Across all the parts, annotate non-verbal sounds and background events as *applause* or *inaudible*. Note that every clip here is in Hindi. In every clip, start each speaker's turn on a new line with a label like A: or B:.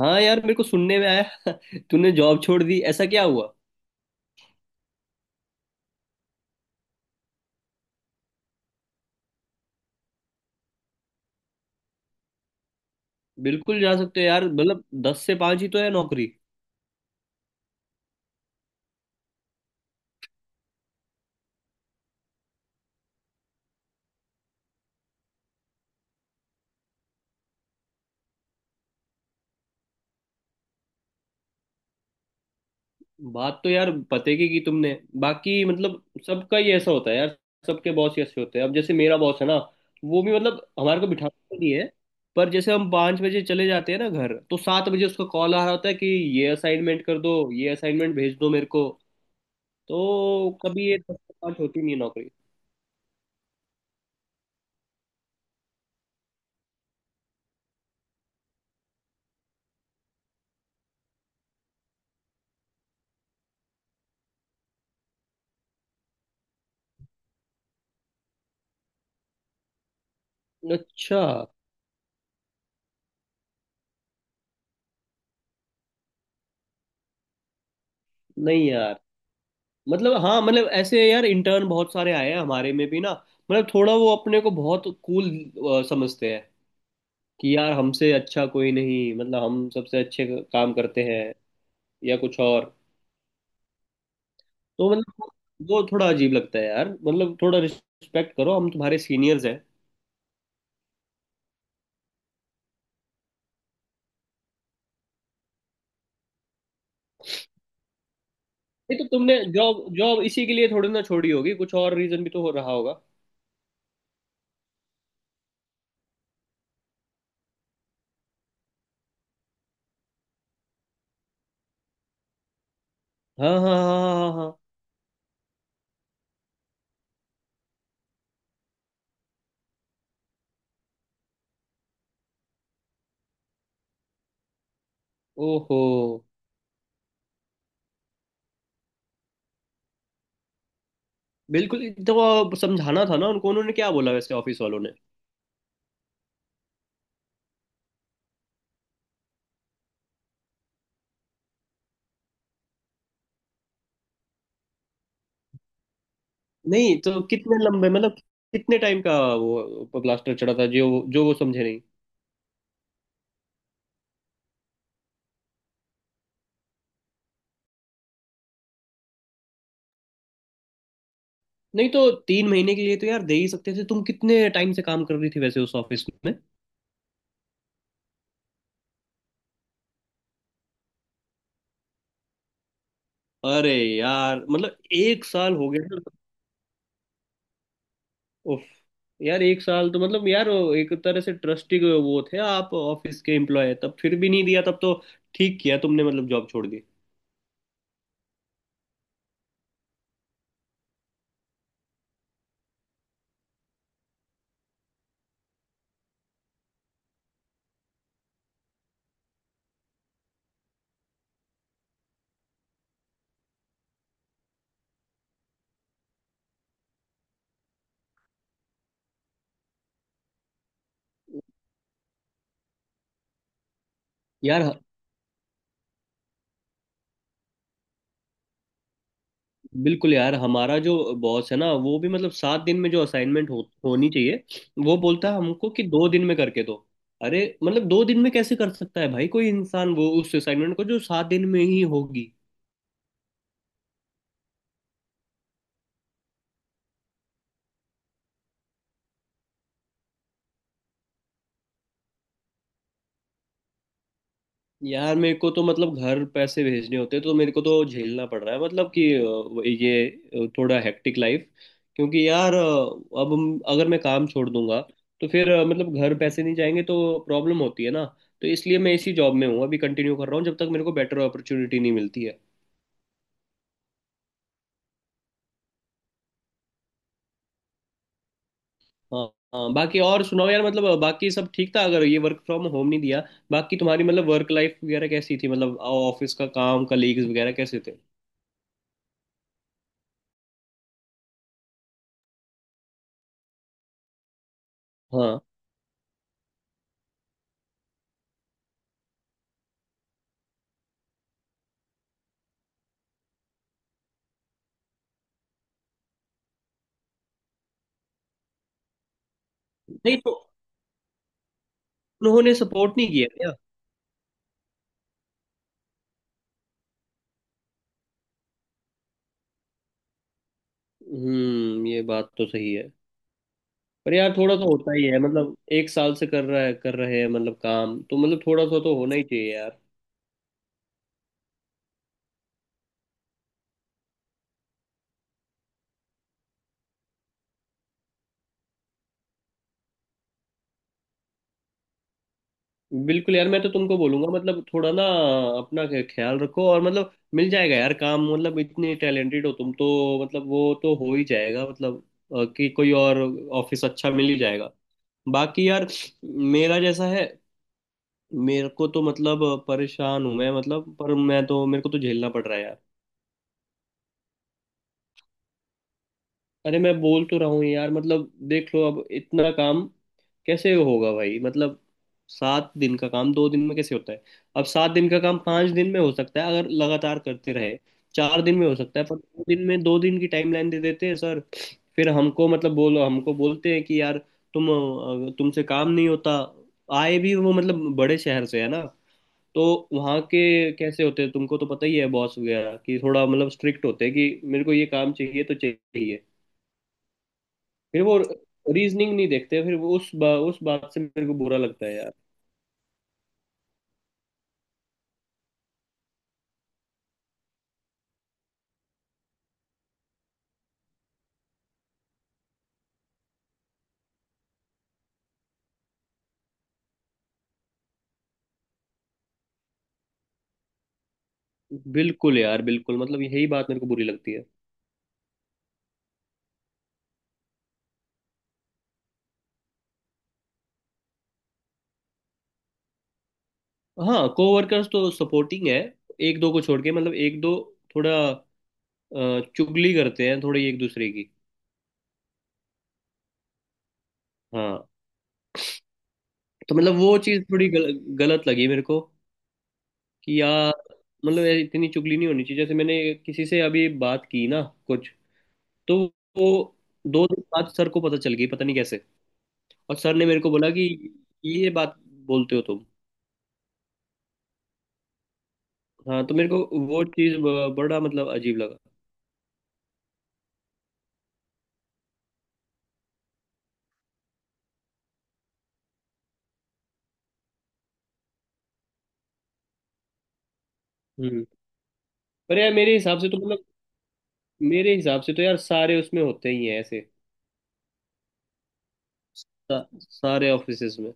A: हाँ यार, मेरे को सुनने में आया *laughs* तूने जॉब छोड़ दी, ऐसा क्या हुआ? बिल्कुल जा सकते हो यार, मतलब 10 से 5 ही तो है नौकरी। बात तो यार पते की तुमने। बाकी मतलब सबका ही ऐसा होता है यार, सबके बॉस ही ऐसे होते हैं। अब जैसे मेरा बॉस है ना, वो भी मतलब हमारे को बिठाता तो नहीं है, पर जैसे हम 5 बजे चले जाते हैं ना घर, तो 7 बजे उसका कॉल आ रहा होता है कि ये असाइनमेंट कर दो, ये असाइनमेंट भेज दो मेरे को। तो कभी ये 10 से 5 होती नहीं है नौकरी। अच्छा। नहीं यार मतलब, हाँ मतलब ऐसे यार, इंटर्न बहुत सारे आए हैं हमारे में भी ना। मतलब थोड़ा वो अपने को बहुत कूल समझते हैं कि यार हमसे अच्छा कोई नहीं, मतलब हम सबसे अच्छे काम करते हैं या कुछ और। तो मतलब वो थोड़ा अजीब लगता है यार, मतलब थोड़ा रिस्पेक्ट करो, हम तुम्हारे सीनियर्स हैं। नहीं, तो तुमने जॉब जॉब इसी के लिए थोड़ी ना छोड़ी होगी, कुछ और रीजन भी तो हो रहा होगा। हाँ हाँ हाँ हाँ हाँ हाँ। ओहो। बिल्कुल। तो समझाना था ना उनको, उन्होंने क्या बोला वैसे ऑफिस वालों ने? नहीं तो कितने लंबे मतलब कितने टाइम का वो ब्लास्टर चढ़ा था, जो जो वो समझे नहीं? नहीं तो 3 महीने के लिए तो यार दे ही सकते थे, तुम कितने टाइम से काम कर रही थी वैसे उस ऑफिस में? अरे यार मतलब एक साल हो गया ना। उफ। यार एक साल तो मतलब यार वो एक तरह से ट्रस्टी वो थे आप ऑफिस के एम्प्लॉय, तब फिर भी नहीं दिया तब तो। ठीक किया तुमने, मतलब जॉब छोड़ दी यार। बिल्कुल यार, हमारा जो बॉस है ना वो भी मतलब 7 दिन में जो असाइनमेंट होनी चाहिए, वो बोलता है हमको कि 2 दिन में करके दो। अरे, मतलब 2 दिन में कैसे कर सकता है भाई कोई इंसान, वो उस असाइनमेंट को जो 7 दिन में ही होगी। यार मेरे को तो मतलब घर पैसे भेजने होते हैं तो मेरे को तो झेलना पड़ रहा है, मतलब कि थोड़ा हेक्टिक लाइफ। क्योंकि यार अब अगर मैं काम छोड़ दूंगा तो फिर मतलब घर पैसे नहीं जाएंगे तो प्रॉब्लम होती है ना। तो इसलिए मैं इसी जॉब में हूँ, अभी कंटिन्यू कर रहा हूँ जब तक मेरे को बेटर अपॉर्चुनिटी नहीं मिलती है। हाँ। हाँ, बाकी और सुनाओ यार, मतलब बाकी सब ठीक था अगर ये वर्क फ्रॉम होम नहीं दिया। बाकी तुम्हारी मतलब वर्क लाइफ वगैरह कैसी थी, मतलब ऑफिस का काम, कलीग्स वगैरह कैसे थे? हाँ। नहीं, तो उन्होंने सपोर्ट नहीं किया? हम्म, ये बात तो सही है। पर यार थोड़ा सा होता ही है, मतलब एक साल से कर रहा है कर रहे हैं, मतलब काम तो मतलब थोड़ा सा तो होना ही चाहिए यार। बिल्कुल यार, मैं तो तुमको बोलूंगा मतलब थोड़ा ना अपना ख्याल रखो, और मतलब मिल जाएगा यार काम, मतलब इतने टैलेंटेड हो तुम तो मतलब वो तो हो ही जाएगा, मतलब कि कोई और ऑफिस अच्छा मिल ही जाएगा। बाकी यार मेरा जैसा है, मेरे को तो मतलब परेशान हूं मैं, मतलब पर मैं तो मेरे को तो झेलना पड़ रहा है यार। अरे, मैं बोल तो रहा हूँ यार, मतलब देख लो अब इतना काम कैसे होगा भाई, मतलब 7 दिन का काम 2 दिन में कैसे होता है? अब 7 दिन का काम 5 दिन में हो सकता है अगर लगातार करते रहे, 4 दिन में हो सकता है, पर 2 दिन में, 2 दिन की टाइमलाइन दे देते हैं सर। फिर हमको मतलब बोलो हमको बोलते हैं कि यार तुम तुमसे काम नहीं होता। आए भी वो मतलब बड़े शहर से है ना, तो वहाँ के कैसे होते हैं तुमको तो पता ही है, बॉस वगैरह कि थोड़ा मतलब स्ट्रिक्ट होते हैं कि मेरे को ये काम चाहिए तो चाहिए। फिर वो रीजनिंग नहीं देखते, फिर वो उस बात से मेरे को बुरा लगता है यार। बिल्कुल यार बिल्कुल, मतलब यही बात मेरे को बुरी लगती है। हाँ, कोवर्कर्स तो सपोर्टिंग है, एक दो को छोड़ के, मतलब एक दो थोड़ा चुगली करते हैं थोड़ी एक दूसरे की। हाँ, तो मतलब वो चीज़ थोड़ी गलत लगी मेरे को कि यार, मतलब यार इतनी चुगली नहीं होनी चाहिए। जैसे मैंने किसी से अभी बात की ना कुछ, तो वो 2 दिन बाद सर को पता चल गई, पता नहीं कैसे, और सर ने मेरे को बोला कि ये बात बोलते हो तुम। हाँ, तो मेरे को वो चीज बड़ा मतलब अजीब लगा। हम्म। पर यार मेरे हिसाब से तो यार सारे उसमें होते ही हैं ऐसे, सारे ऑफिसेज में।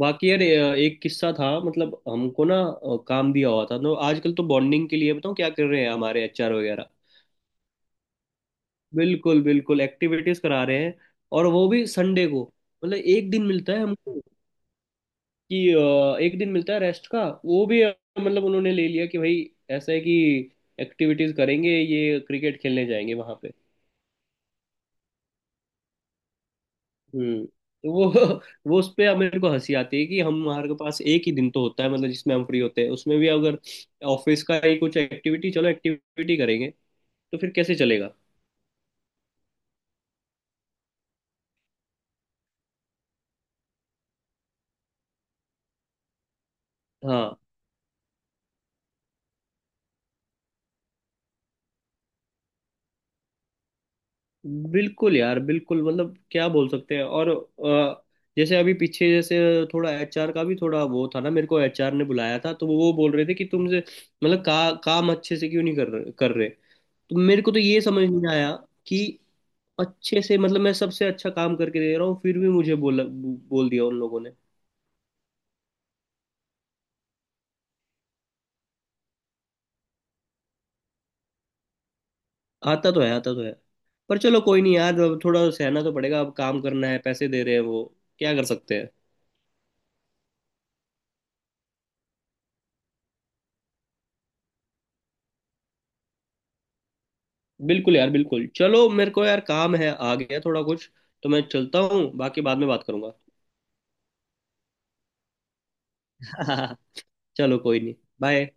A: बाकी यार एक किस्सा था, मतलब हमको ना काम दिया हुआ था। तो आजकल तो बॉन्डिंग के लिए बताऊँ क्या कर रहे हैं हमारे एचआर वगैरह? बिल्कुल बिल्कुल एक्टिविटीज करा रहे हैं, और वो भी संडे को। मतलब एक दिन मिलता है हमको कि एक दिन मिलता है रेस्ट का, वो भी मतलब उन्होंने ले लिया कि भाई ऐसा है कि एक्टिविटीज करेंगे, ये क्रिकेट खेलने जाएंगे वहां पे। हम्म। तो वो *laughs* वो उस पे अब मेरे को हंसी आती है कि हम हमारे पास एक ही दिन तो होता है, मतलब जिसमें हम फ्री होते हैं, उसमें भी अगर ऑफिस का ही कुछ एक्टिविटी, चलो एक्टिविटी करेंगे, तो फिर कैसे चलेगा? हाँ बिल्कुल यार बिल्कुल, मतलब क्या बोल सकते हैं? और जैसे अभी पीछे जैसे, थोड़ा एचआर का भी थोड़ा वो था ना, मेरे को एचआर ने बुलाया था, तो वो बोल रहे थे कि तुमसे मतलब काम अच्छे से क्यों नहीं कर रहे। तो मेरे को तो ये समझ नहीं आया कि अच्छे से, मतलब मैं सबसे अच्छा काम करके दे रहा हूँ फिर भी मुझे बोल दिया उन लोगों ने। आता तो है, आता तो है, पर चलो कोई नहीं यार, अब थोड़ा सहना तो पड़ेगा, अब काम करना है, पैसे दे रहे हैं वो, क्या कर सकते हैं। बिल्कुल यार बिल्कुल, चलो मेरे को यार काम है आ गया थोड़ा कुछ, तो मैं चलता हूँ, बाकी बाद में बात करूंगा। *laughs* चलो, कोई नहीं। बाय।